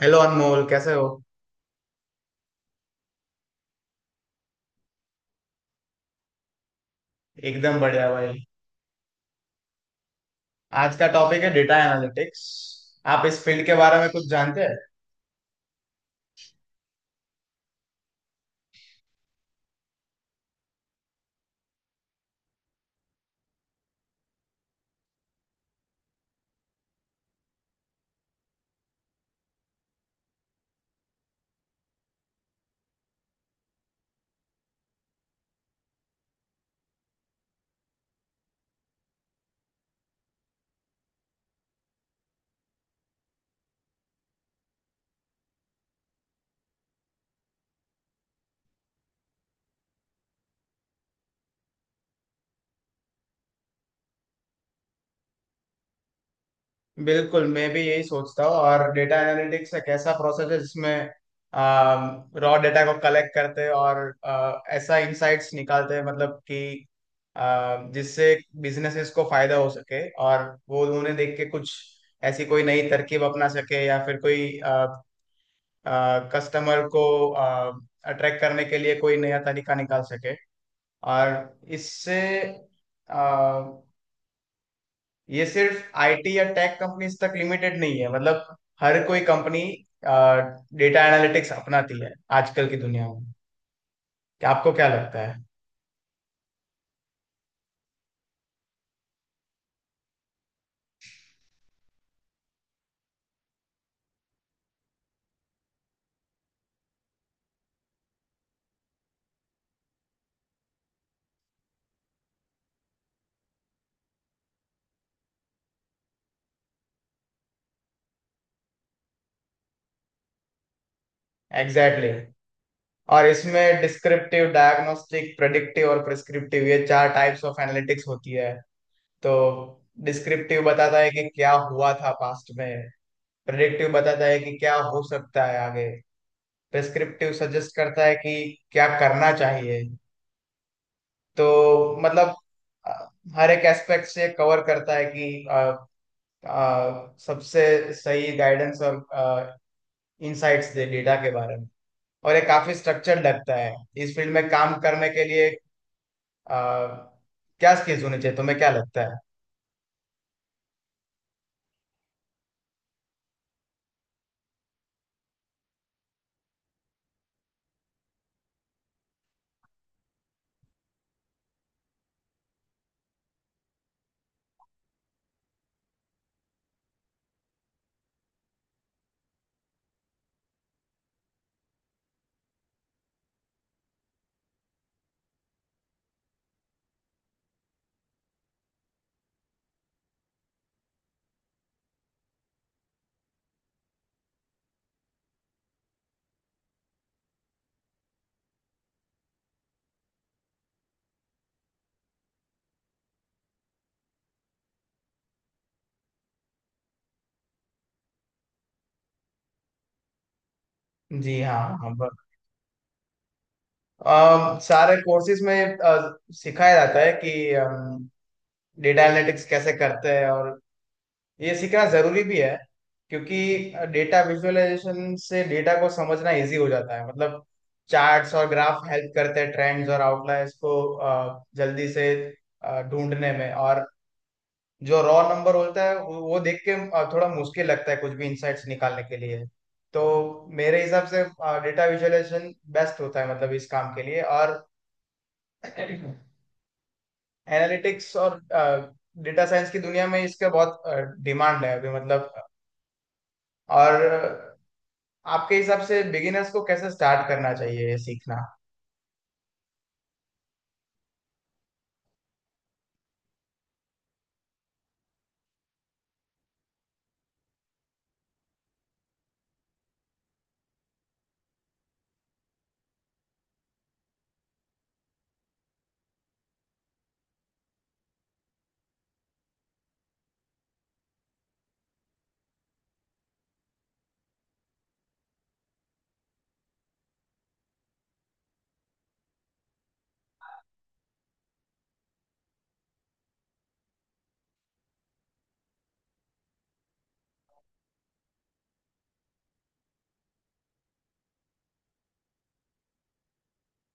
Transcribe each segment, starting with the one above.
Hello Anmol कैसे हो। एकदम बढ़िया भाई। आज का टॉपिक है डेटा एनालिटिक्स। आप इस फील्ड के बारे में कुछ जानते हैं? बिल्कुल, मैं भी यही सोचता हूँ। और डेटा एनालिटिक्स एक ऐसा प्रोसेस है जिसमें रॉ डेटा को कलेक्ट करते हैं और ऐसा इंसाइट्स निकालते हैं, मतलब कि जिससे बिजनेसेस को फायदा हो सके और वो उन्हें देख के कुछ ऐसी कोई नई तरकीब अपना सके या फिर कोई कस्टमर को अट्रैक्ट करने के लिए कोई नया तरीका निकाल सके। और इससे आ, ये सिर्फ आईटी या टेक कंपनीज तक लिमिटेड नहीं है, मतलब हर कोई कंपनी डेटा एनालिटिक्स अपनाती है आजकल की दुनिया में। क्या आपको क्या लगता है? Exactly exactly. और इसमें डिस्क्रिप्टिव, डायग्नोस्टिक, प्रेडिक्टिव और प्रिस्क्रिप्टिव, ये चार टाइप्स ऑफ एनालिटिक्स होती है। तो डिस्क्रिप्टिव बताता है कि क्या हुआ था पास्ट में, प्रेडिक्टिव बताता है कि क्या हो सकता है आगे, प्रिस्क्रिप्टिव सजेस्ट करता है कि क्या करना चाहिए। तो मतलब अ, हर एक एस्पेक्ट से कवर करता है कि सबसे सही गाइडेंस और इंसाइट्स दे डेटा के बारे में। और ये काफी स्ट्रक्चर्ड लगता है। इस फील्ड में काम करने के लिए अ, क्या स्किल्स होने चाहिए, तुम्हें क्या लगता है? जी हाँ, हाँ, सारे कोर्सेज में सिखाया जाता है कि डेटा एनालिटिक्स कैसे करते हैं, और ये सीखना जरूरी भी है। क्योंकि डेटा विजुअलाइजेशन से डेटा को समझना इजी हो जाता है, मतलब चार्ट्स और ग्राफ हेल्प करते हैं ट्रेंड्स और आउटलायर्स को जल्दी से ढूंढने में। और जो रॉ नंबर होता है, वो देख के थोड़ा मुश्किल लगता है कुछ भी इंसाइट्स निकालने के लिए। तो मेरे हिसाब से डेटा विजुअलाइजेशन बेस्ट होता है, मतलब इस काम के लिए। और एनालिटिक्स और डेटा साइंस की दुनिया में इसका बहुत डिमांड है अभी, मतलब। और आपके हिसाब से बिगिनर्स को कैसे स्टार्ट करना चाहिए ये सीखना?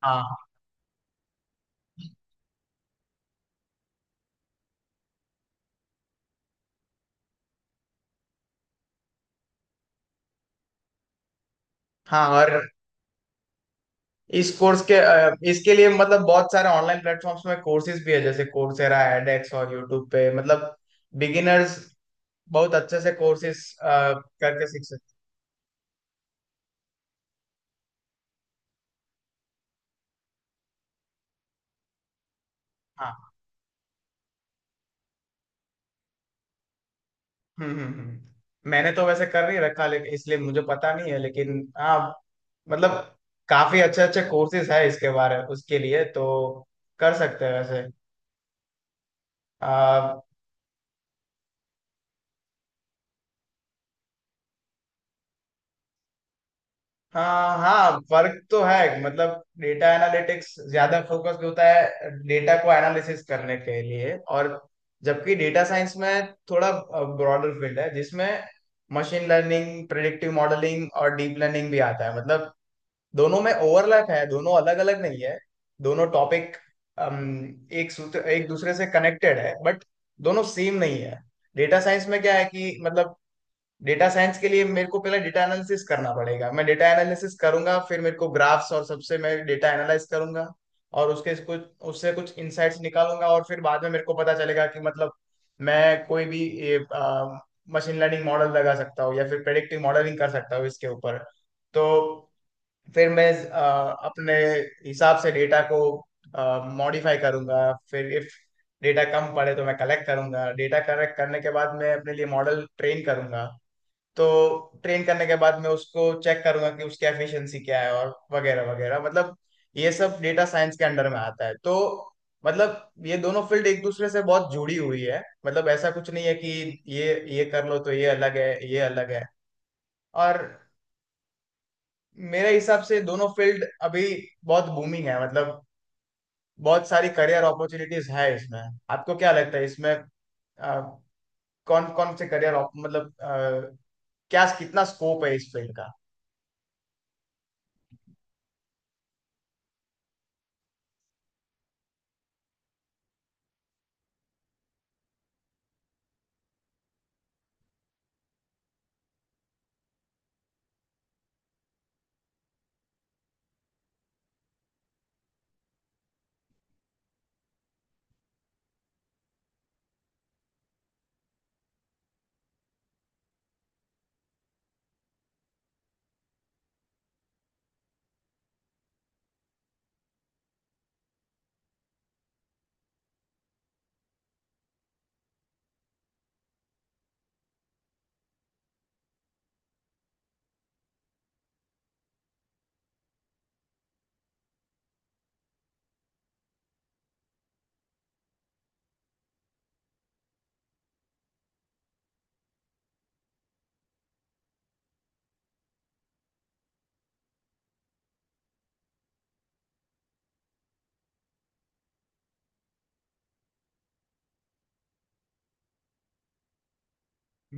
हाँ, हाँ। और इस कोर्स के इसके लिए, मतलब बहुत सारे ऑनलाइन प्लेटफॉर्म्स में कोर्सेज भी है जैसे कोर्सेरा, एडेक्स और यूट्यूब पे, मतलब बिगिनर्स बहुत अच्छे से कोर्सेज करके सीख सकते। हाँ। मैंने तो वैसे कर नहीं रखा, लेकिन इसलिए मुझे पता नहीं है, लेकिन हाँ, मतलब काफी अच्छे अच्छे कोर्सेज है इसके बारे उसके लिए, तो कर सकते हैं वैसे। हाँ हाँ, फर्क तो है, मतलब डेटा एनालिटिक्स ज्यादा फोकस होता है डेटा को एनालिसिस करने के लिए। और जबकि डेटा साइंस में थोड़ा ब्रॉडर फील्ड है जिसमें मशीन लर्निंग, प्रेडिक्टिव मॉडलिंग और डीप लर्निंग भी आता है, मतलब दोनों में ओवरलैप है, दोनों अलग अलग नहीं है। दोनों टॉपिक एक सूत्र एक दूसरे से कनेक्टेड है, बट दोनों सेम नहीं है। डेटा साइंस में क्या है कि मतलब डेटा साइंस के लिए मेरे को पहले डेटा एनालिसिस करना पड़ेगा। मैं डेटा एनालिसिस करूंगा, फिर मेरे को ग्राफ्स और सबसे मैं डेटा एनालाइज करूंगा। और उसके कुछ उससे कुछ इंसाइट्स निकालूंगा, और फिर बाद में मेरे को पता चलेगा कि मतलब मैं कोई भी मशीन लर्निंग मॉडल लगा सकता हूँ या फिर प्रेडिक्टिव मॉडलिंग कर सकता हूँ इसके ऊपर। तो फिर मैं अपने हिसाब से डेटा को मॉडिफाई करूंगा। फिर इफ डेटा कम पड़े तो मैं कलेक्ट करूंगा। डेटा कलेक्ट करने के बाद मैं अपने लिए मॉडल ट्रेन करूंगा। तो ट्रेन करने के बाद मैं उसको चेक करूंगा कि उसकी एफिशिएंसी क्या है और वगैरह वगैरह, मतलब ये सब डेटा साइंस के अंडर में आता है। तो मतलब ये दोनों फील्ड एक दूसरे से बहुत जुड़ी हुई है, मतलब ऐसा कुछ नहीं है कि ये ये कर लो तो ये अलग है ये अलग है। और मेरे हिसाब से दोनों फील्ड अभी बहुत बूमिंग है, मतलब बहुत सारी करियर अपॉर्चुनिटीज है इसमें। आपको क्या लगता है इसमें आ, कौन कौन से करियर मतलब क्या कितना स्कोप है इस फील्ड का?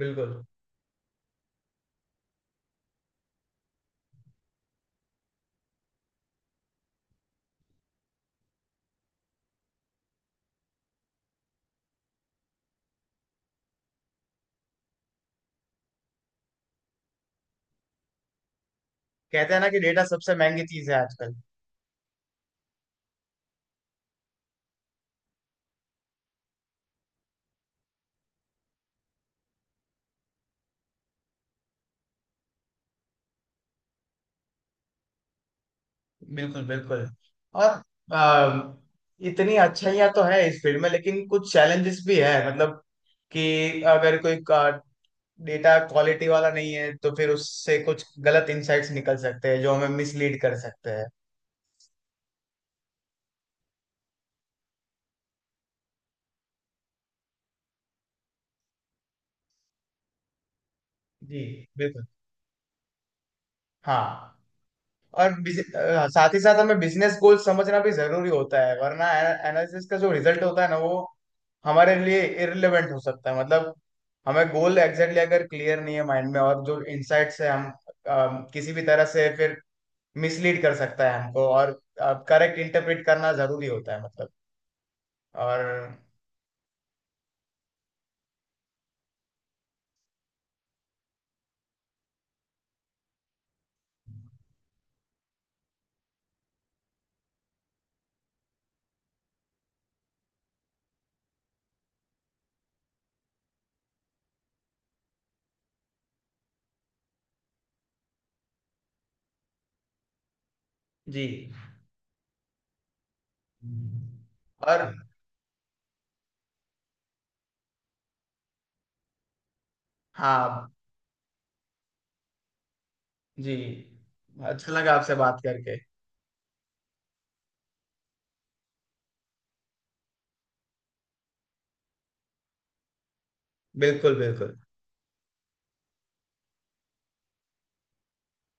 बिल्कुल, कहते हैं ना कि डेटा सबसे महंगी चीज है आजकल। बिल्कुल बिल्कुल। और आ, इतनी अच्छाइयाँ तो है इस फील्ड में, लेकिन कुछ चैलेंजेस भी है, मतलब कि अगर कोई डेटा क्वालिटी वाला नहीं है तो फिर उससे कुछ गलत इनसाइट्स निकल सकते हैं जो हमें मिसलीड कर सकते हैं। जी बिल्कुल। हाँ। और साथ ही साथ हमें बिजनेस गोल समझना भी जरूरी होता है, वरना एनालिसिस का जो रिजल्ट होता है ना, वो हमारे लिए इररिलेवेंट हो सकता है, मतलब हमें गोल एग्जैक्टली अगर क्लियर नहीं है माइंड में, और जो इनसाइट्स है हम किसी भी तरह से फिर मिसलीड कर सकता है हमको। और करेक्ट इंटरप्रेट करना जरूरी होता है, मतलब। और जी। और हाँ। जी, अच्छा लगा आपसे बात करके। बिल्कुल बिल्कुल।